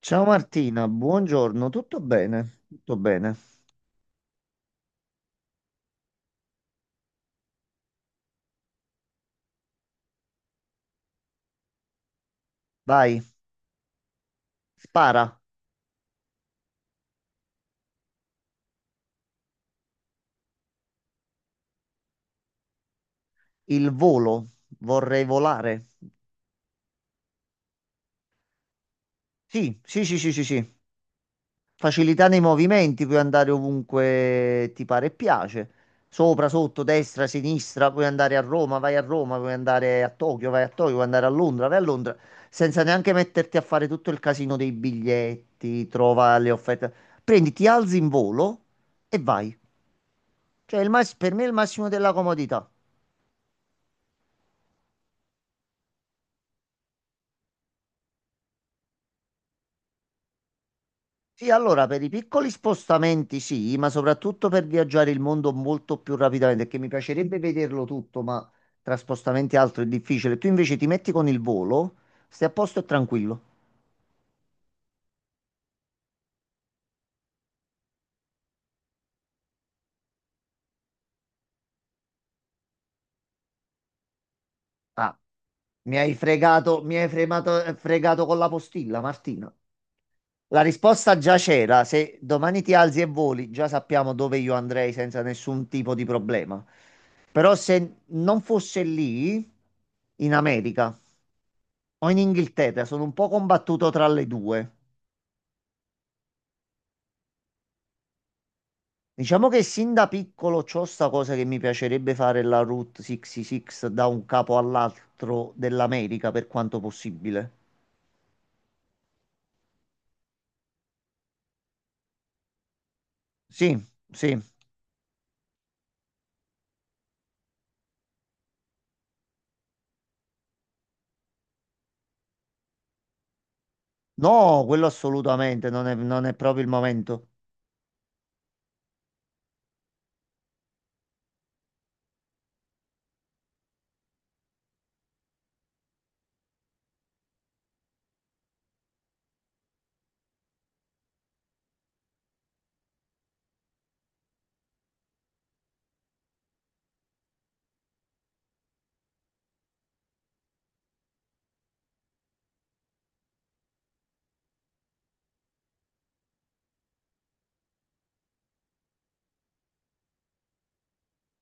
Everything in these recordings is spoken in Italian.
Ciao Martina, buongiorno, tutto bene? Tutto bene. Vai, spara, il volo, vorrei volare. Sì, sì, sì, sì, sì, sì. Facilità nei movimenti, puoi andare ovunque ti pare e piace. Sopra, sotto, destra, sinistra, puoi andare a Roma, vai a Roma, puoi andare a Tokyo, vai a Tokyo, puoi andare a Londra, vai a Londra, senza neanche metterti a fare tutto il casino dei biglietti, trova le offerte. Prendi, ti alzi in volo e vai. Cioè, per me è il massimo della comodità. Sì, allora per i piccoli spostamenti sì, ma soprattutto per viaggiare il mondo molto più rapidamente, perché mi piacerebbe vederlo tutto, ma tra spostamenti e altro è difficile. Tu invece ti metti con il volo, stai a posto e tranquillo. Ah, mi hai fregato, fregato con la postilla, Martina. La risposta già c'era, se domani ti alzi e voli, già sappiamo dove io andrei senza nessun tipo di problema. Però se non fosse lì, in America o in Inghilterra, sono un po' combattuto tra le due. Diciamo che sin da piccolo c'ho sta cosa che mi piacerebbe fare la Route 66 da un capo all'altro dell'America per quanto possibile. Sì, sì. No, quello assolutamente, non è proprio il momento.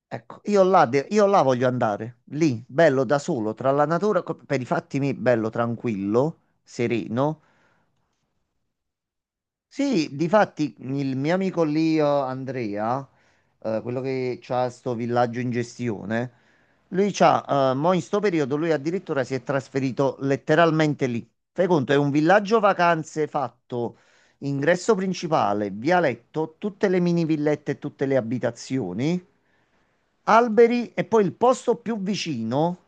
Ecco, io là, io là voglio andare, lì, bello da solo, tra la natura, per i fatti miei, bello, tranquillo, sereno. Sì, difatti il mio amico lì, Andrea, quello che ha sto villaggio in gestione, lui c'ha, mo in sto periodo lui addirittura si è trasferito letteralmente lì. Fai conto, è un villaggio vacanze fatto, ingresso principale, vialetto, tutte le mini villette e tutte le abitazioni, alberi, e poi il posto più vicino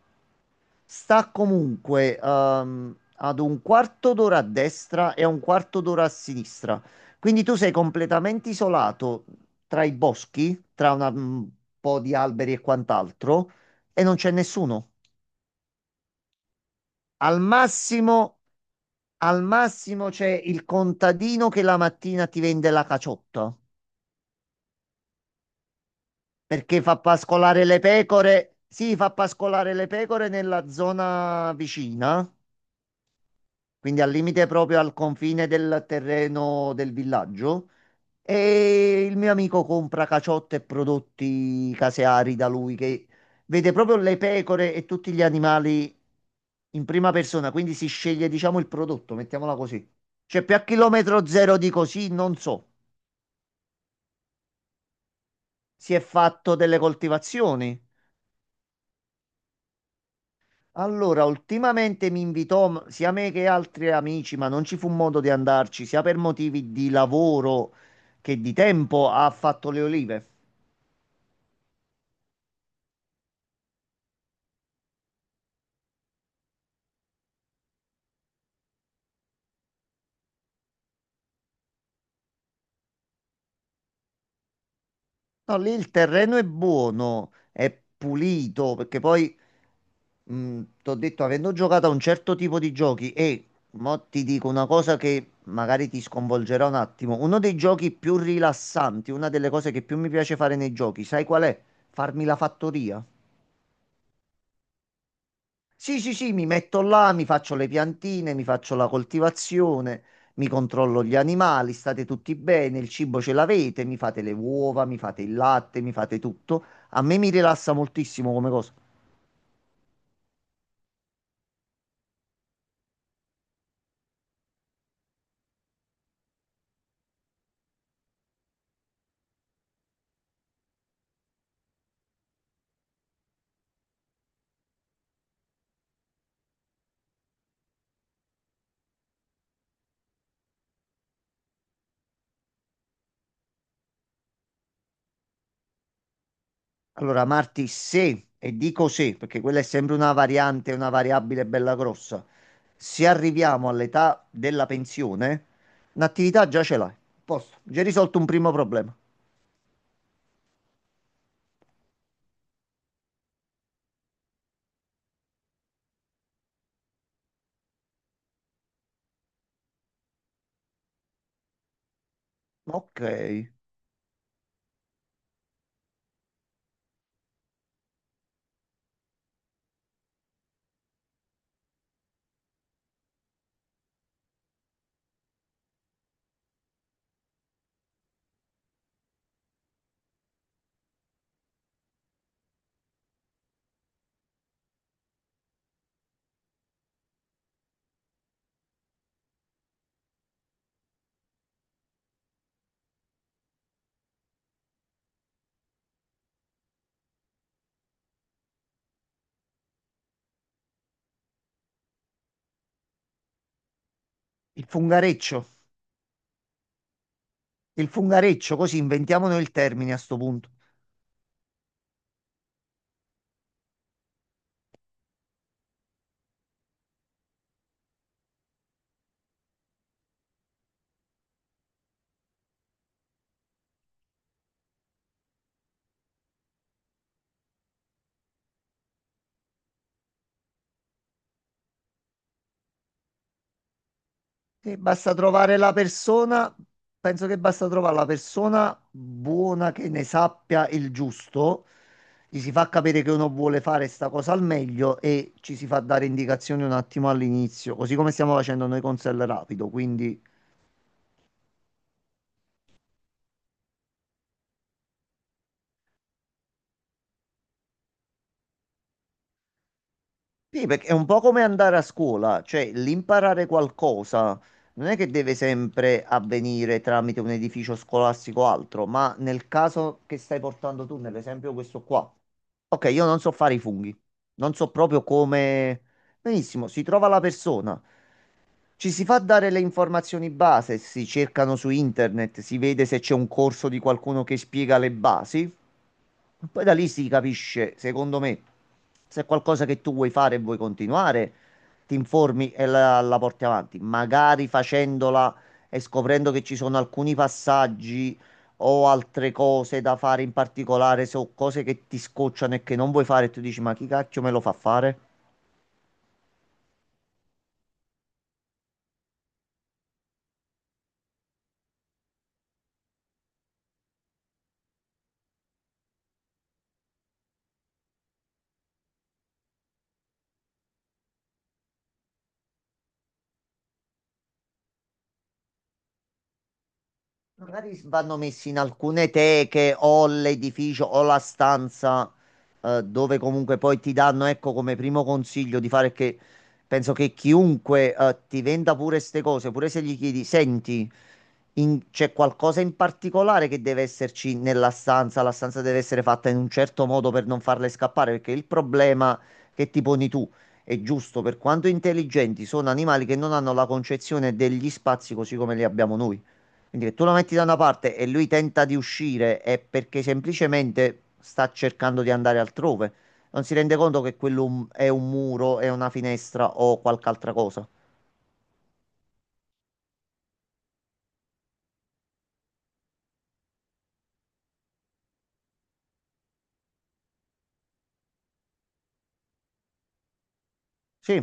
sta comunque ad un quarto d'ora a destra e a un quarto d'ora a sinistra. Quindi tu sei completamente isolato tra i boschi, tra un po' di alberi e quant'altro, e non c'è nessuno. Al massimo, al massimo c'è il contadino che la mattina ti vende la caciotta perché fa pascolare le pecore. Sì, fa pascolare le pecore nella zona vicina, quindi al limite proprio al confine del terreno del villaggio. E il mio amico compra caciotte e prodotti caseari da lui, che vede proprio le pecore e tutti gli animali in prima persona, quindi si sceglie, diciamo, il prodotto, mettiamola così. Cioè, più a chilometro zero di così, non so. Si è fatto delle coltivazioni. Allora, ultimamente mi invitò sia me che altri amici, ma non ci fu modo di andarci, sia per motivi di lavoro che di tempo, ha fatto le olive. No, lì il terreno è buono, è pulito, perché poi, ti ho detto, avendo giocato a un certo tipo di giochi, e mo ti dico una cosa che magari ti sconvolgerà un attimo, uno dei giochi più rilassanti, una delle cose che più mi piace fare nei giochi, sai qual è? Farmi la fattoria. Sì, sì, sì, mi metto là, mi faccio le piantine, mi faccio la coltivazione, mi controllo gli animali, state tutti bene, il cibo ce l'avete, mi fate le uova, mi fate il latte, mi fate tutto. A me mi rilassa moltissimo come cosa. Allora, Marti, se, e dico se, perché quella è sempre una variante, una variabile bella grossa, se arriviamo all'età della pensione, un'attività già ce l'hai. Posto, già risolto un primo problema. Ok, il fungareccio. Il fungareccio, così inventiamo noi il termine a sto punto. E basta trovare la persona, penso che basta trovare la persona buona che ne sappia il giusto, gli si fa capire che uno vuole fare sta cosa al meglio e ci si fa dare indicazioni un attimo all'inizio, così come stiamo facendo noi con Sell Rapido, quindi. Sì, perché è un po' come andare a scuola, cioè l'imparare qualcosa non è che deve sempre avvenire tramite un edificio scolastico o altro, ma nel caso che stai portando tu, nell'esempio questo qua. Ok, io non so fare i funghi, non so proprio come... Benissimo, si trova la persona, ci si fa dare le informazioni base, si cercano su internet, si vede se c'è un corso di qualcuno che spiega le basi, poi da lì si capisce, secondo me, se è qualcosa che tu vuoi fare e vuoi continuare, ti informi e la porti avanti, magari facendola e scoprendo che ci sono alcuni passaggi o altre cose da fare in particolare, so cose che ti scocciano e che non vuoi fare, e tu dici, ma chi cacchio me lo fa fare? Magari vanno messi in alcune teche o l'edificio o la stanza, dove comunque poi ti danno, ecco, come primo consiglio di fare, che penso che chiunque ti venda pure queste cose, pure se gli chiedi, senti, c'è qualcosa in particolare che deve esserci nella stanza, la stanza deve essere fatta in un certo modo per non farle scappare, perché il problema che ti poni tu è giusto, per quanto intelligenti sono animali che non hanno la concezione degli spazi così come li abbiamo noi. Quindi che tu lo metti da una parte e lui tenta di uscire è perché semplicemente sta cercando di andare altrove. Non si rende conto che quello è un muro, è una finestra o qualche altra cosa. Sì,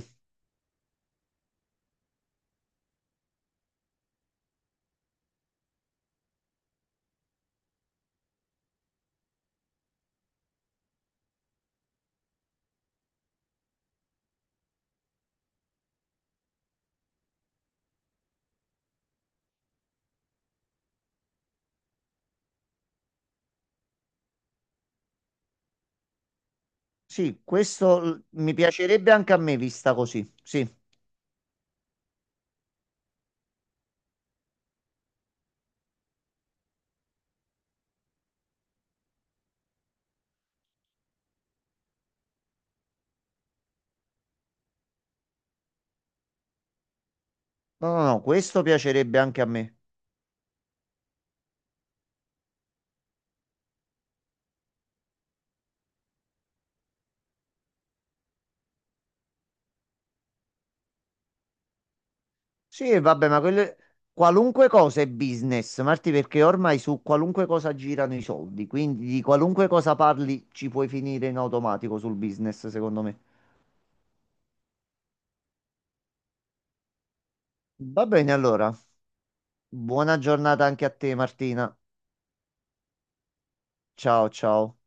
sì, questo mi piacerebbe anche a me vista così. Sì, no, no, no, questo piacerebbe anche a me. Sì, e vabbè, ma quelle... qualunque cosa è business, Marti, perché ormai su qualunque cosa girano i soldi, quindi di qualunque cosa parli ci puoi finire in automatico sul business, secondo me. Va bene, allora. Buona giornata anche a te, Martina. Ciao, ciao.